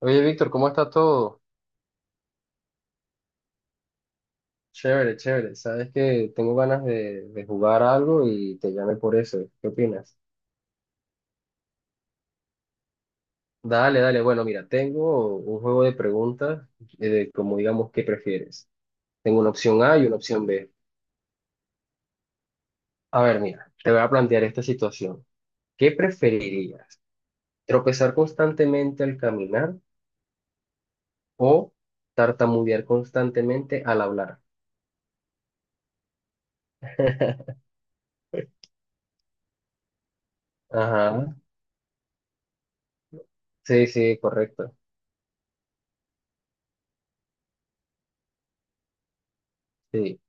Oye, Víctor, ¿cómo está todo? Chévere, chévere. Sabes que tengo ganas de jugar algo y te llamé por eso. ¿Qué opinas? Dale, dale. Bueno, mira, tengo un juego de preguntas de como digamos, ¿qué prefieres? Tengo una opción A y una opción B. A ver, mira, te voy a plantear esta situación. ¿Qué preferirías? ¿Tropezar constantemente al caminar o tartamudear constantemente al hablar? Ajá. Sí, sí, correcto. Sí.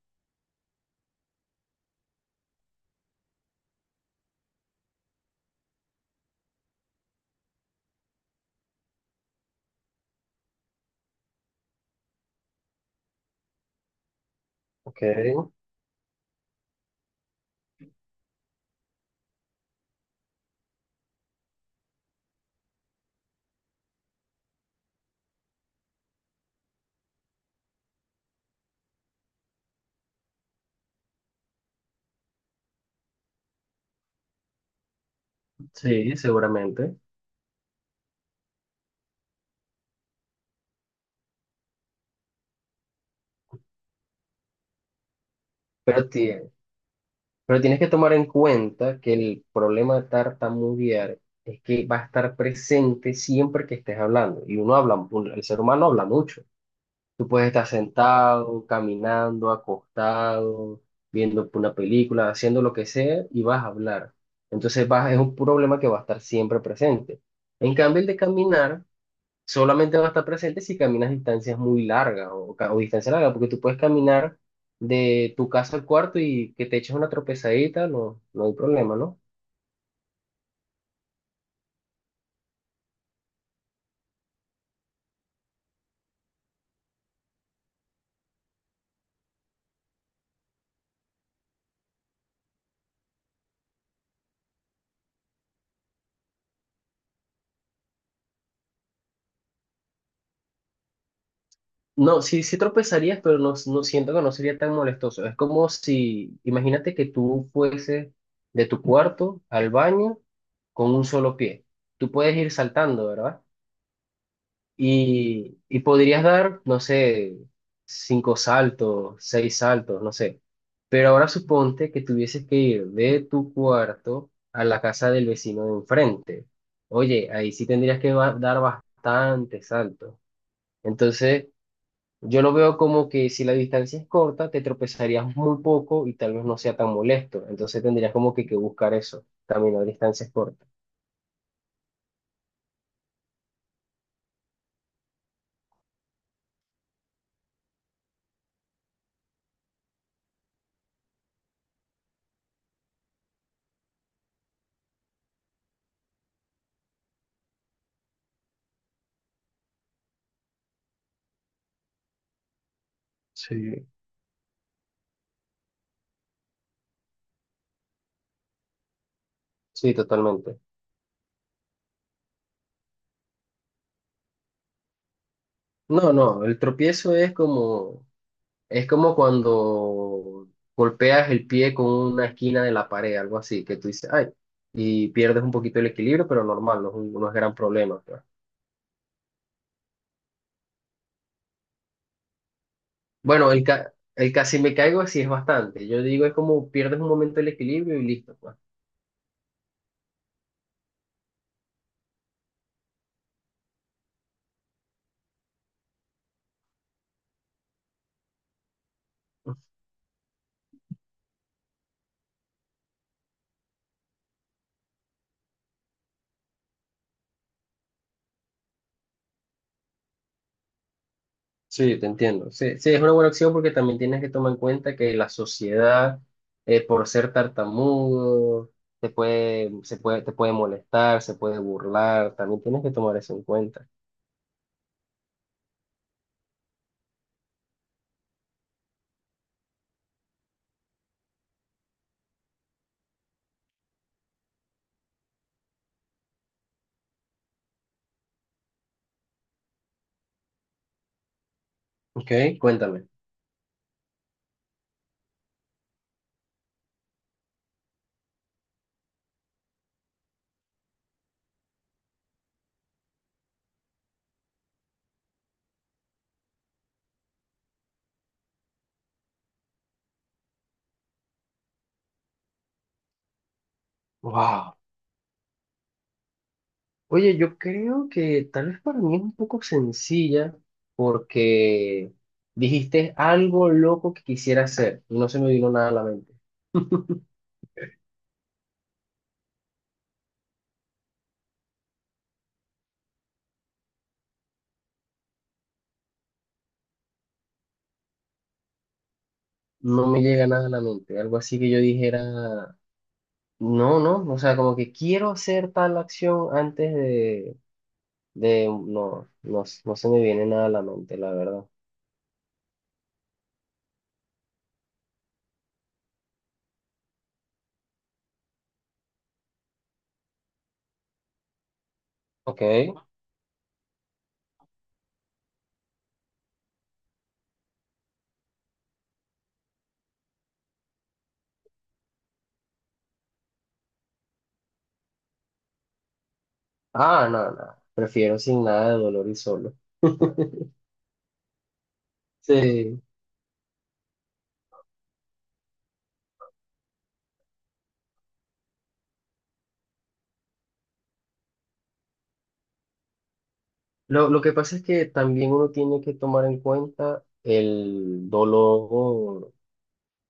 Ok. Sí, seguramente. Pero, ti- pero tienes que tomar en cuenta que el problema de tartamudear es que va a estar presente siempre que estés hablando. Y uno habla, el ser humano habla mucho. Tú puedes estar sentado, caminando, acostado, viendo una película, haciendo lo que sea y vas a hablar. Entonces vas, es un problema que va a estar siempre presente. En cambio, el de caminar solamente va a estar presente si caminas distancias muy largas o, o distancia larga, porque tú puedes caminar de tu casa al cuarto y que te eches una tropezadita, no, no hay problema, ¿no? No, sí, sí tropezarías, pero no, no siento que no sería tan molestoso. Es como si, imagínate que tú fueses de tu cuarto al baño con un solo pie. Tú puedes ir saltando, ¿verdad? Y podrías dar, no sé, cinco saltos, seis saltos, no sé. Pero ahora suponte que tuvieses que ir de tu cuarto a la casa del vecino de enfrente. Oye, ahí sí tendrías que dar bastantes saltos. Entonces, yo lo veo como que si la distancia es corta, te tropezarías muy poco y tal vez no sea tan molesto. Entonces tendrías como que buscar eso, caminar distancias cortas. Sí. Sí, totalmente. No, no, el tropiezo es como… Es como cuando golpeas el pie con una esquina de la pared, algo así, que tú dices, ay, y pierdes un poquito el equilibrio, pero normal, no es, no es gran problema, pues. Bueno, el casi me caigo sí es bastante. Yo digo, es como pierdes un momento el equilibrio y listo, pues. Sí, te entiendo. Sí, sí, es una buena opción porque también tienes que tomar en cuenta que la sociedad, por ser tartamudo, te puede, se puede, te puede molestar, se puede burlar, también tienes que tomar eso en cuenta. Ok, cuéntame. Wow. Oye, yo creo que tal vez para mí es un poco sencilla porque dijiste algo loco que quisiera hacer. No se me vino nada a la mente. No me llega nada a la mente. Algo así que yo dijera, no, no. O sea, como que quiero hacer tal acción antes no, no, no se me viene nada a la mente, la verdad. Ok. Ah, no, no. Prefiero sin nada de dolor y solo. Sí. Lo que pasa es que también uno tiene que tomar en cuenta el dolor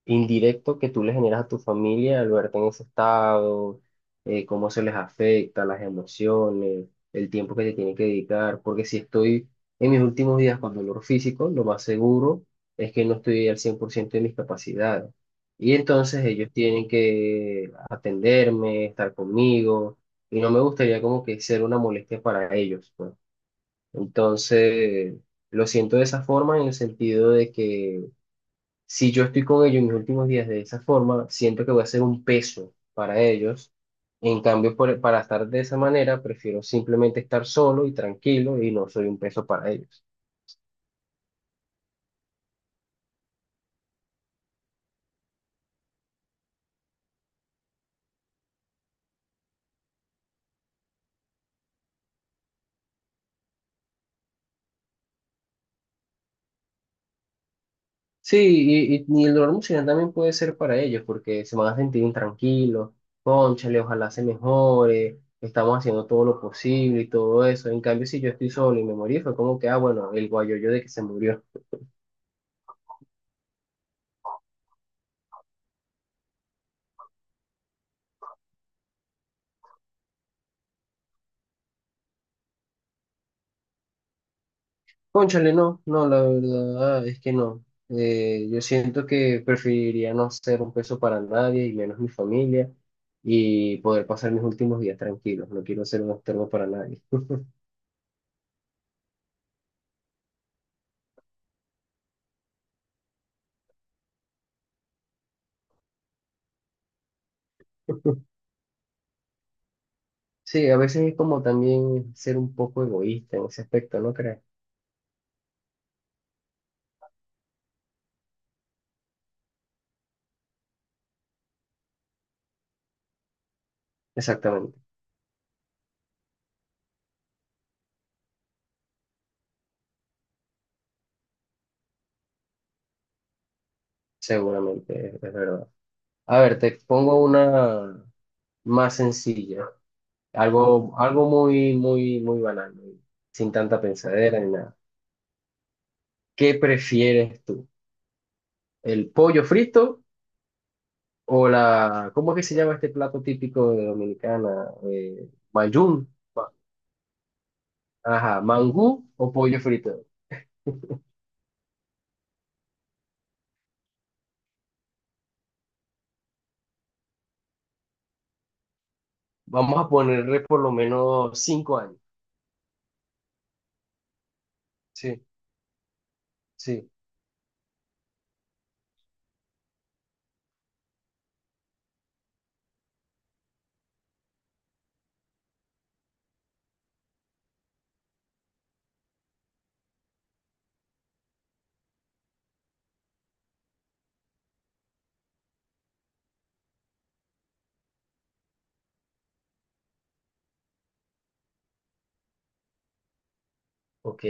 indirecto que tú le generas a tu familia al verte en ese estado, cómo se les afecta, las emociones, el tiempo que te tienen que dedicar, porque si estoy en mis últimos días con dolor físico, lo más seguro es que no estoy al 100% de mis capacidades. Y entonces ellos tienen que atenderme, estar conmigo, y no me gustaría como que ser una molestia para ellos, pues. Entonces, lo siento de esa forma en el sentido de que si yo estoy con ellos en mis últimos días de esa forma, siento que voy a ser un peso para ellos. En cambio, para estar de esa manera, prefiero simplemente estar solo y tranquilo y no soy un peso para ellos. Sí, y el dolor emocional también puede ser para ellos porque se van a sentir intranquilos, cónchale, ojalá se mejore, estamos haciendo todo lo posible y todo eso. En cambio, si yo estoy solo y me morí, fue como que, ah, bueno, el guayoyo de que se murió. Cónchale, no, no, la verdad es que no. Yo siento que preferiría no ser un peso para nadie y menos mi familia y poder pasar mis últimos días tranquilos. No quiero ser un estorbo para nadie. Sí, a veces es como también ser un poco egoísta en ese aspecto, ¿no crees? Exactamente, seguramente, es verdad. A ver, te pongo una más sencilla, algo, algo muy, muy, muy banal, muy- sin tanta pensadera ni nada. ¿Qué prefieres tú? ¿El pollo frito? O la, ¿cómo es que se llama este plato típico de Dominicana? Mayún. Ma- Ajá, mangú o pollo frito. Vamos a ponerle por lo menos 5 años. Sí, sí. Ok,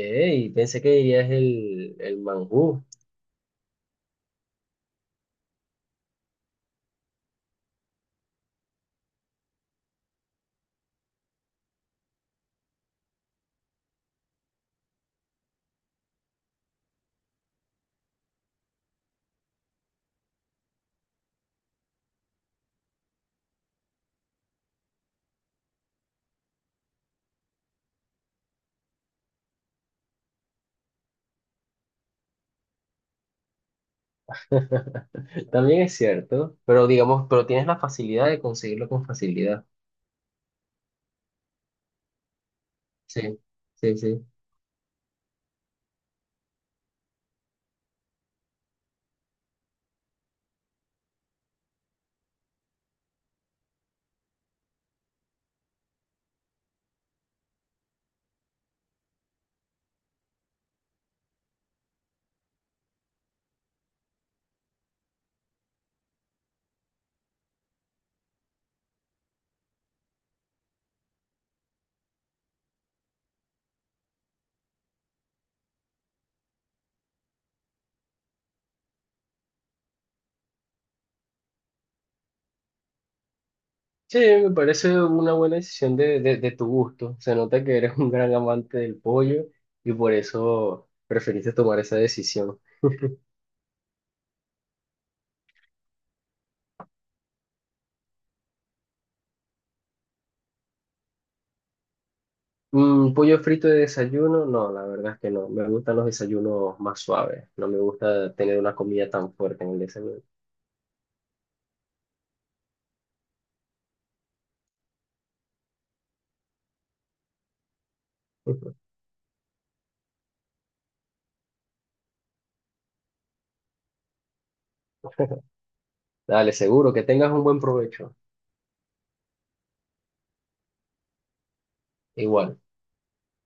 pensé que dirías el mangú. También es cierto, pero digamos, pero tienes la facilidad de conseguirlo con facilidad. Sí, sí, sí. Sí, me parece una buena decisión de tu gusto. Se nota que eres un gran amante del pollo y por eso preferiste tomar esa decisión. Mm, pollo frito de desayuno, no, la verdad es que no. Me gustan los desayunos más suaves. No me gusta tener una comida tan fuerte en el desayuno. Dale, seguro que tengas un buen provecho. Igual.